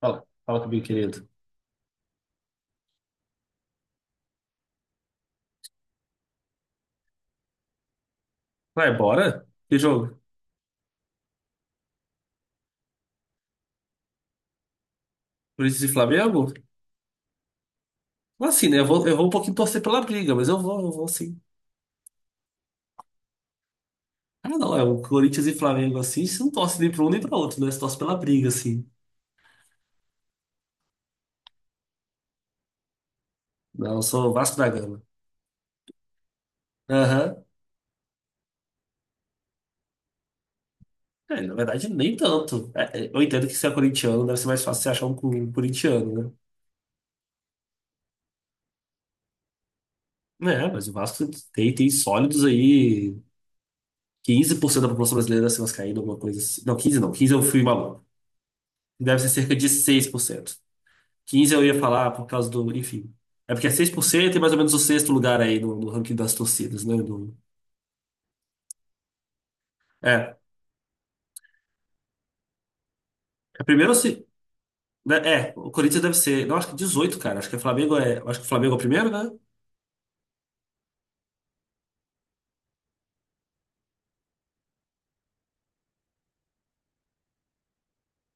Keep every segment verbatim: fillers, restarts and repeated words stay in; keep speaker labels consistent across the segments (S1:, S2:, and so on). S1: Fala, fala comigo, querido. Vai, bora? Que jogo? Corinthians e Flamengo? Assim, né? Eu vou, eu vou um pouquinho torcer pela briga, mas eu vou, eu vou sim. Ah, não, é o Corinthians e Flamengo assim, você não torce nem pra um nem pra outro, né? Você torce pela briga, assim. Não, eu sou o Vasco da Gama. Aham. É, na verdade, nem tanto. É, é, eu entendo que se é corintiano, deve ser mais fácil você achar um cu- um corintiano, né? É, mas o Vasco tem, tem sólidos aí. Quinze por cento da população brasileira deve ser vascaína, alguma coisa assim. Não, quinze não, quinze eu fui maluco. Deve ser cerca de seis por cento. Quinze eu ia falar por causa do. Enfim. É porque é seis por cento e mais ou menos o sexto lugar aí no, no ranking das torcidas, né? Do, é. É primeiro ou se. Né, é, o Corinthians deve ser. Não, acho que dezoito, cara. Acho que o Flamengo é. Acho que o Flamengo é o primeiro, né?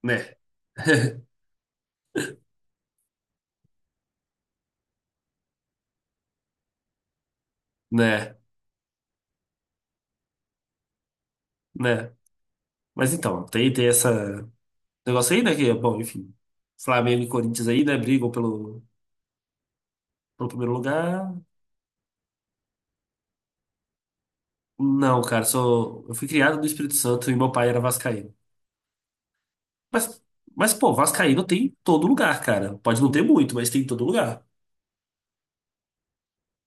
S1: Né. Né. Né. Mas então, tem, tem essa negócio aí, né? Que, bom, enfim. Flamengo e Corinthians aí, né? Brigam pelo, pelo primeiro lugar. Não, cara, sou. Eu fui criado no Espírito Santo e meu pai era vascaíno. Mas, mas pô, vascaíno tem em todo lugar, cara. Pode não ter muito, mas tem em todo lugar.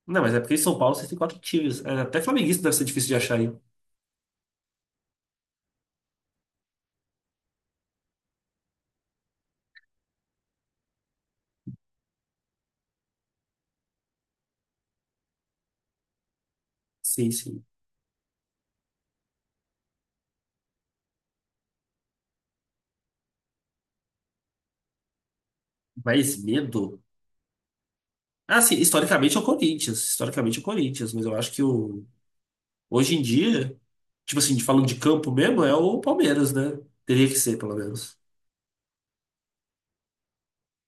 S1: Não, mas é porque em São Paulo você tem quatro times. É, até flamenguista deve ser difícil de achar, hein? Sim, sim. Mas medo? Ah, sim, historicamente é o Corinthians. Historicamente é o Corinthians, mas eu acho que o. Hoje em dia, tipo assim, falando de campo mesmo, é o Palmeiras, né? Teria que ser, pelo menos.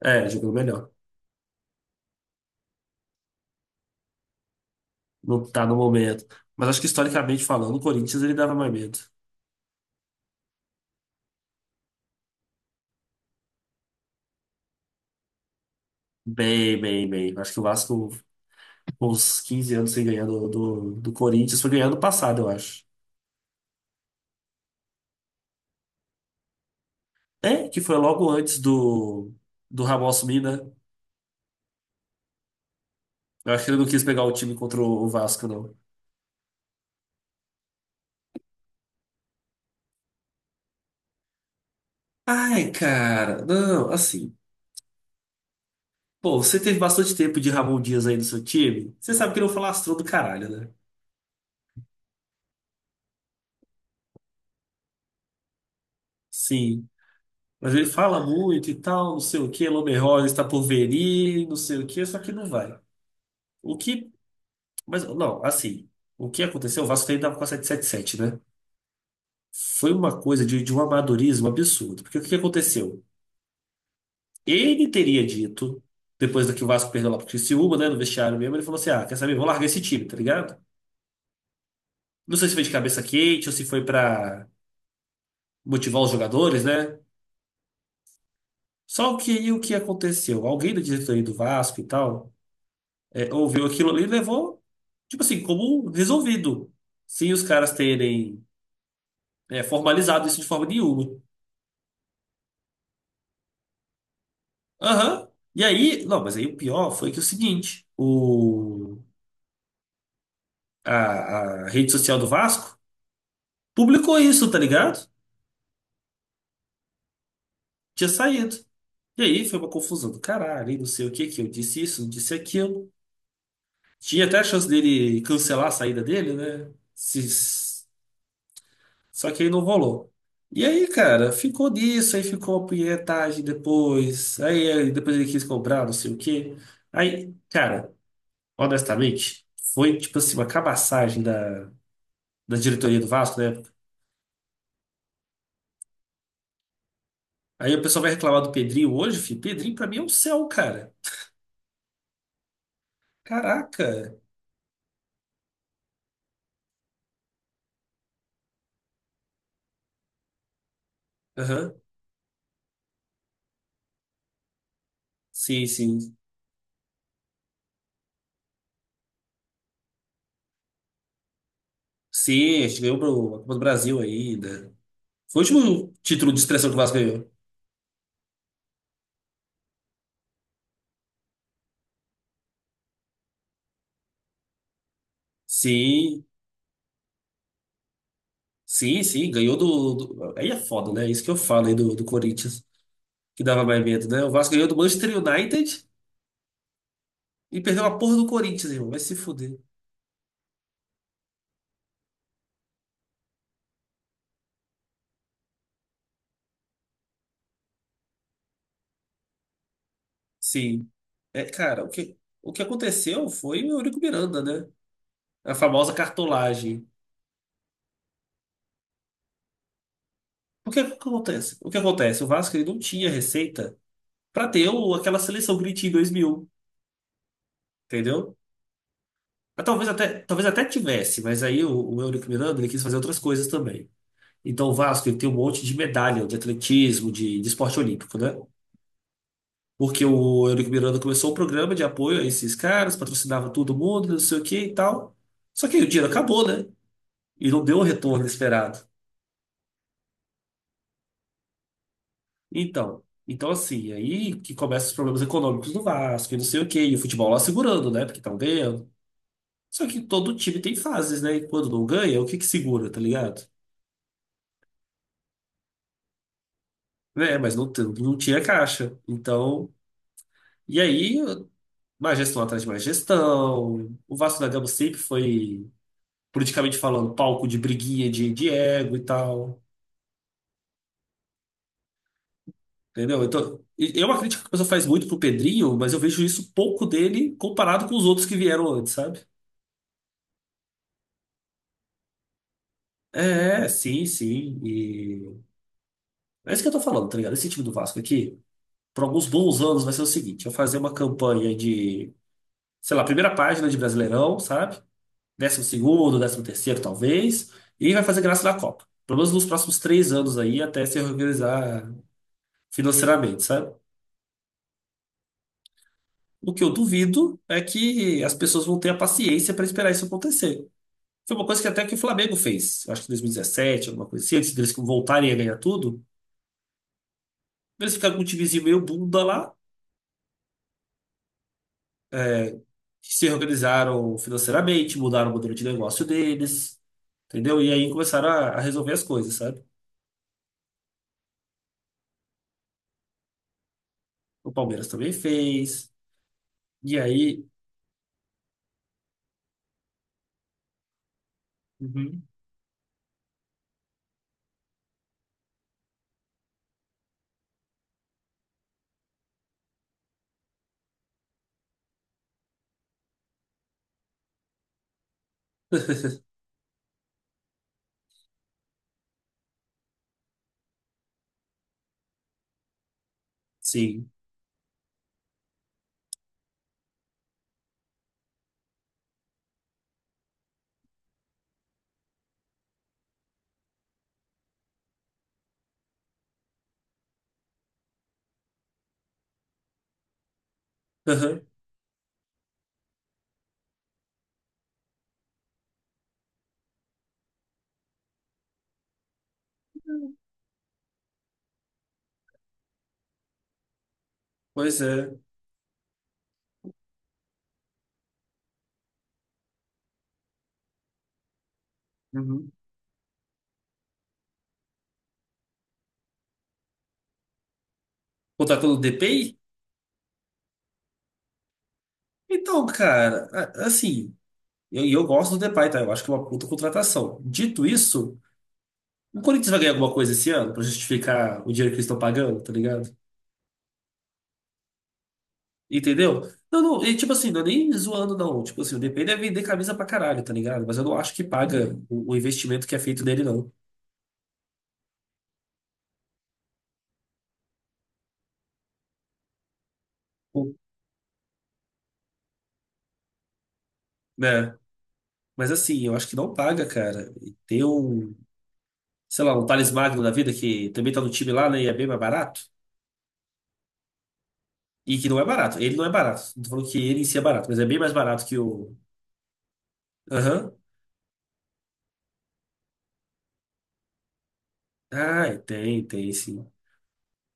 S1: É, jogando melhor. Não tá no momento. Mas acho que historicamente falando, o Corinthians ele dava mais medo. Bem, bem, bem. Acho que o Vasco, com uns quinze anos sem ganhar do, do, do Corinthians, foi ganhar ano passado, eu acho. É, que foi logo antes do, do Ramon assumir, né? Eu acho que ele não quis pegar o time contra o Vasco, não. Ai, cara, não, assim. Pô, você teve bastante tempo de Ramon Dias aí no seu time. Você sabe que ele é um falastrão do caralho, né? Sim. Mas ele fala muito e tal, não sei o quê. Lomer Rosa está por venir, não sei o quê, só que não vai. O que. Mas, não, assim. O que aconteceu? O Vasco ainda estava com a sete, sete sete, né? Foi uma coisa de, de um amadorismo absurdo. Porque o que aconteceu? Ele teria dito, depois do que o Vasco perdeu lá pro Criciúma, né, no vestiário mesmo, ele falou assim: ah, quer saber, vou largar esse time, tá ligado? Não sei se foi de cabeça quente ou se foi pra motivar os jogadores, né? Só que aí o que aconteceu? Alguém da diretoria do Vasco e tal é, ouviu aquilo ali e levou, tipo assim, como resolvido, sem os caras terem é, formalizado isso de forma nenhuma. Aham. E aí, não, mas aí o pior foi que é o seguinte: o, a a rede social do Vasco publicou isso, tá ligado? Tinha saído. E aí foi uma confusão do caralho, e não sei o que que eu disse isso, não disse aquilo. Tinha até a chance dele cancelar a saída dele, né? Se- Só que aí não rolou. E aí, cara, ficou nisso, aí ficou a punhetagem depois. Aí aí depois ele quis cobrar, não sei o quê. Aí, cara, honestamente, foi tipo assim, uma cabaçagem da, da diretoria do Vasco na época. Aí o pessoal vai reclamar do Pedrinho hoje, filho. Pedrinho pra mim é um céu, cara. Caraca. Aham. Sim, sim. Sim, a gente ganhou pro- a Copa do Brasil ainda. Foi o último título de expressão que o Vasco ganhou. Sim, sim, sim, ganhou. do, do- Aí é foda, né? Isso que eu falo aí do, do Corinthians, que dava mais medo, né? O Vasco ganhou do Manchester United e perdeu a porra do Corinthians, irmão. Vai se fuder. Sim. É, cara, o que, o que aconteceu foi o Eurico Miranda, né? A famosa cartolagem. O que acontece? O que acontece? O Vasco ele não tinha receita pra ter o- aquela seleção que ele tinha em dois mil, entendeu? Mas talvez até, talvez até tivesse, mas aí o, o Eurico Miranda ele quis fazer outras coisas também. Então o Vasco ele tem um monte de medalha de atletismo, de, de esporte olímpico, né? Porque o Eurico Miranda começou um programa de apoio a esses caras, patrocinava todo mundo, não sei o que e tal. Só que aí o dinheiro acabou, né? E não deu o retorno esperado. Então, então assim, aí que começam os problemas econômicos do Vasco e não sei o que E o futebol lá segurando, né? Porque estão ganhando. Só que todo time tem fases, né? E quando não ganha, o que que segura, tá ligado? É, mas não, t- não tinha caixa. Então, e aí, mais gestão atrás de mais gestão. O Vasco da Gama sempre foi, politicamente falando, palco de briguinha de, de ego e tal. Entendeu? Então, e- é uma crítica que a pessoa faz muito pro Pedrinho, mas eu vejo isso pouco dele comparado com os outros que vieram antes, sabe? É, sim, sim. E é isso que eu tô falando, tá ligado? Esse time do Vasco aqui, por alguns bons anos, vai ser o seguinte: eu fazer uma campanha de, sei lá, primeira página de Brasileirão, sabe? Décimo segundo, décimo terceiro, talvez, e vai fazer graça na Copa. Pelo menos nos próximos três anos aí, até se organizar financeiramente, sabe? O que eu duvido é que as pessoas vão ter a paciência para esperar isso acontecer. Foi uma coisa que até que o Flamengo fez, acho que em dois mil e dezessete, alguma coisa assim, antes deles voltarem a ganhar tudo, eles ficaram com um timezinho meio bunda lá, que se organizaram financeiramente, mudaram o modelo de negócio deles, entendeu? E aí começaram a, a resolver as coisas, sabe? O Palmeiras também fez, e aí. Uhum. Sim. Aham. Pois é. Uhum. Contratou o D P I? Então, cara, a- assim, eu, e eu gosto do Depay, tá? Eu acho que é uma puta contratação. Dito isso, o Corinthians vai ganhar alguma coisa esse ano pra justificar o dinheiro que eles estão pagando, tá ligado? Entendeu? Não, não, e tipo assim, não é nem zoando, não. Tipo assim, o D P I deve vender camisa pra caralho, tá ligado? Mas eu não acho que paga o, o investimento que é feito nele, não. O- né? Mas assim, eu acho que não paga, cara. E tem um, sei lá, um Thales Magno da vida que também tá no time lá, né? E é bem mais barato. E que não é barato. Ele não é barato. Não tô falando que ele em si é barato, mas é bem mais barato que o. Aham. Ah, tem, tem sim.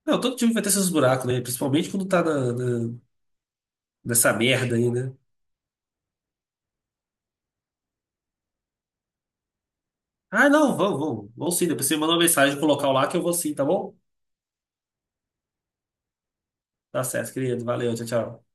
S1: Não, todo time vai ter seus buracos, né? Principalmente quando tá na, na- nessa merda aí, né? Ah, não, vamos, vamos. Vamos sim. Depois você manda uma mensagem pro local lá que eu vou sim, tá bom? Tá certo, querido. Valeu, tchau, tchau.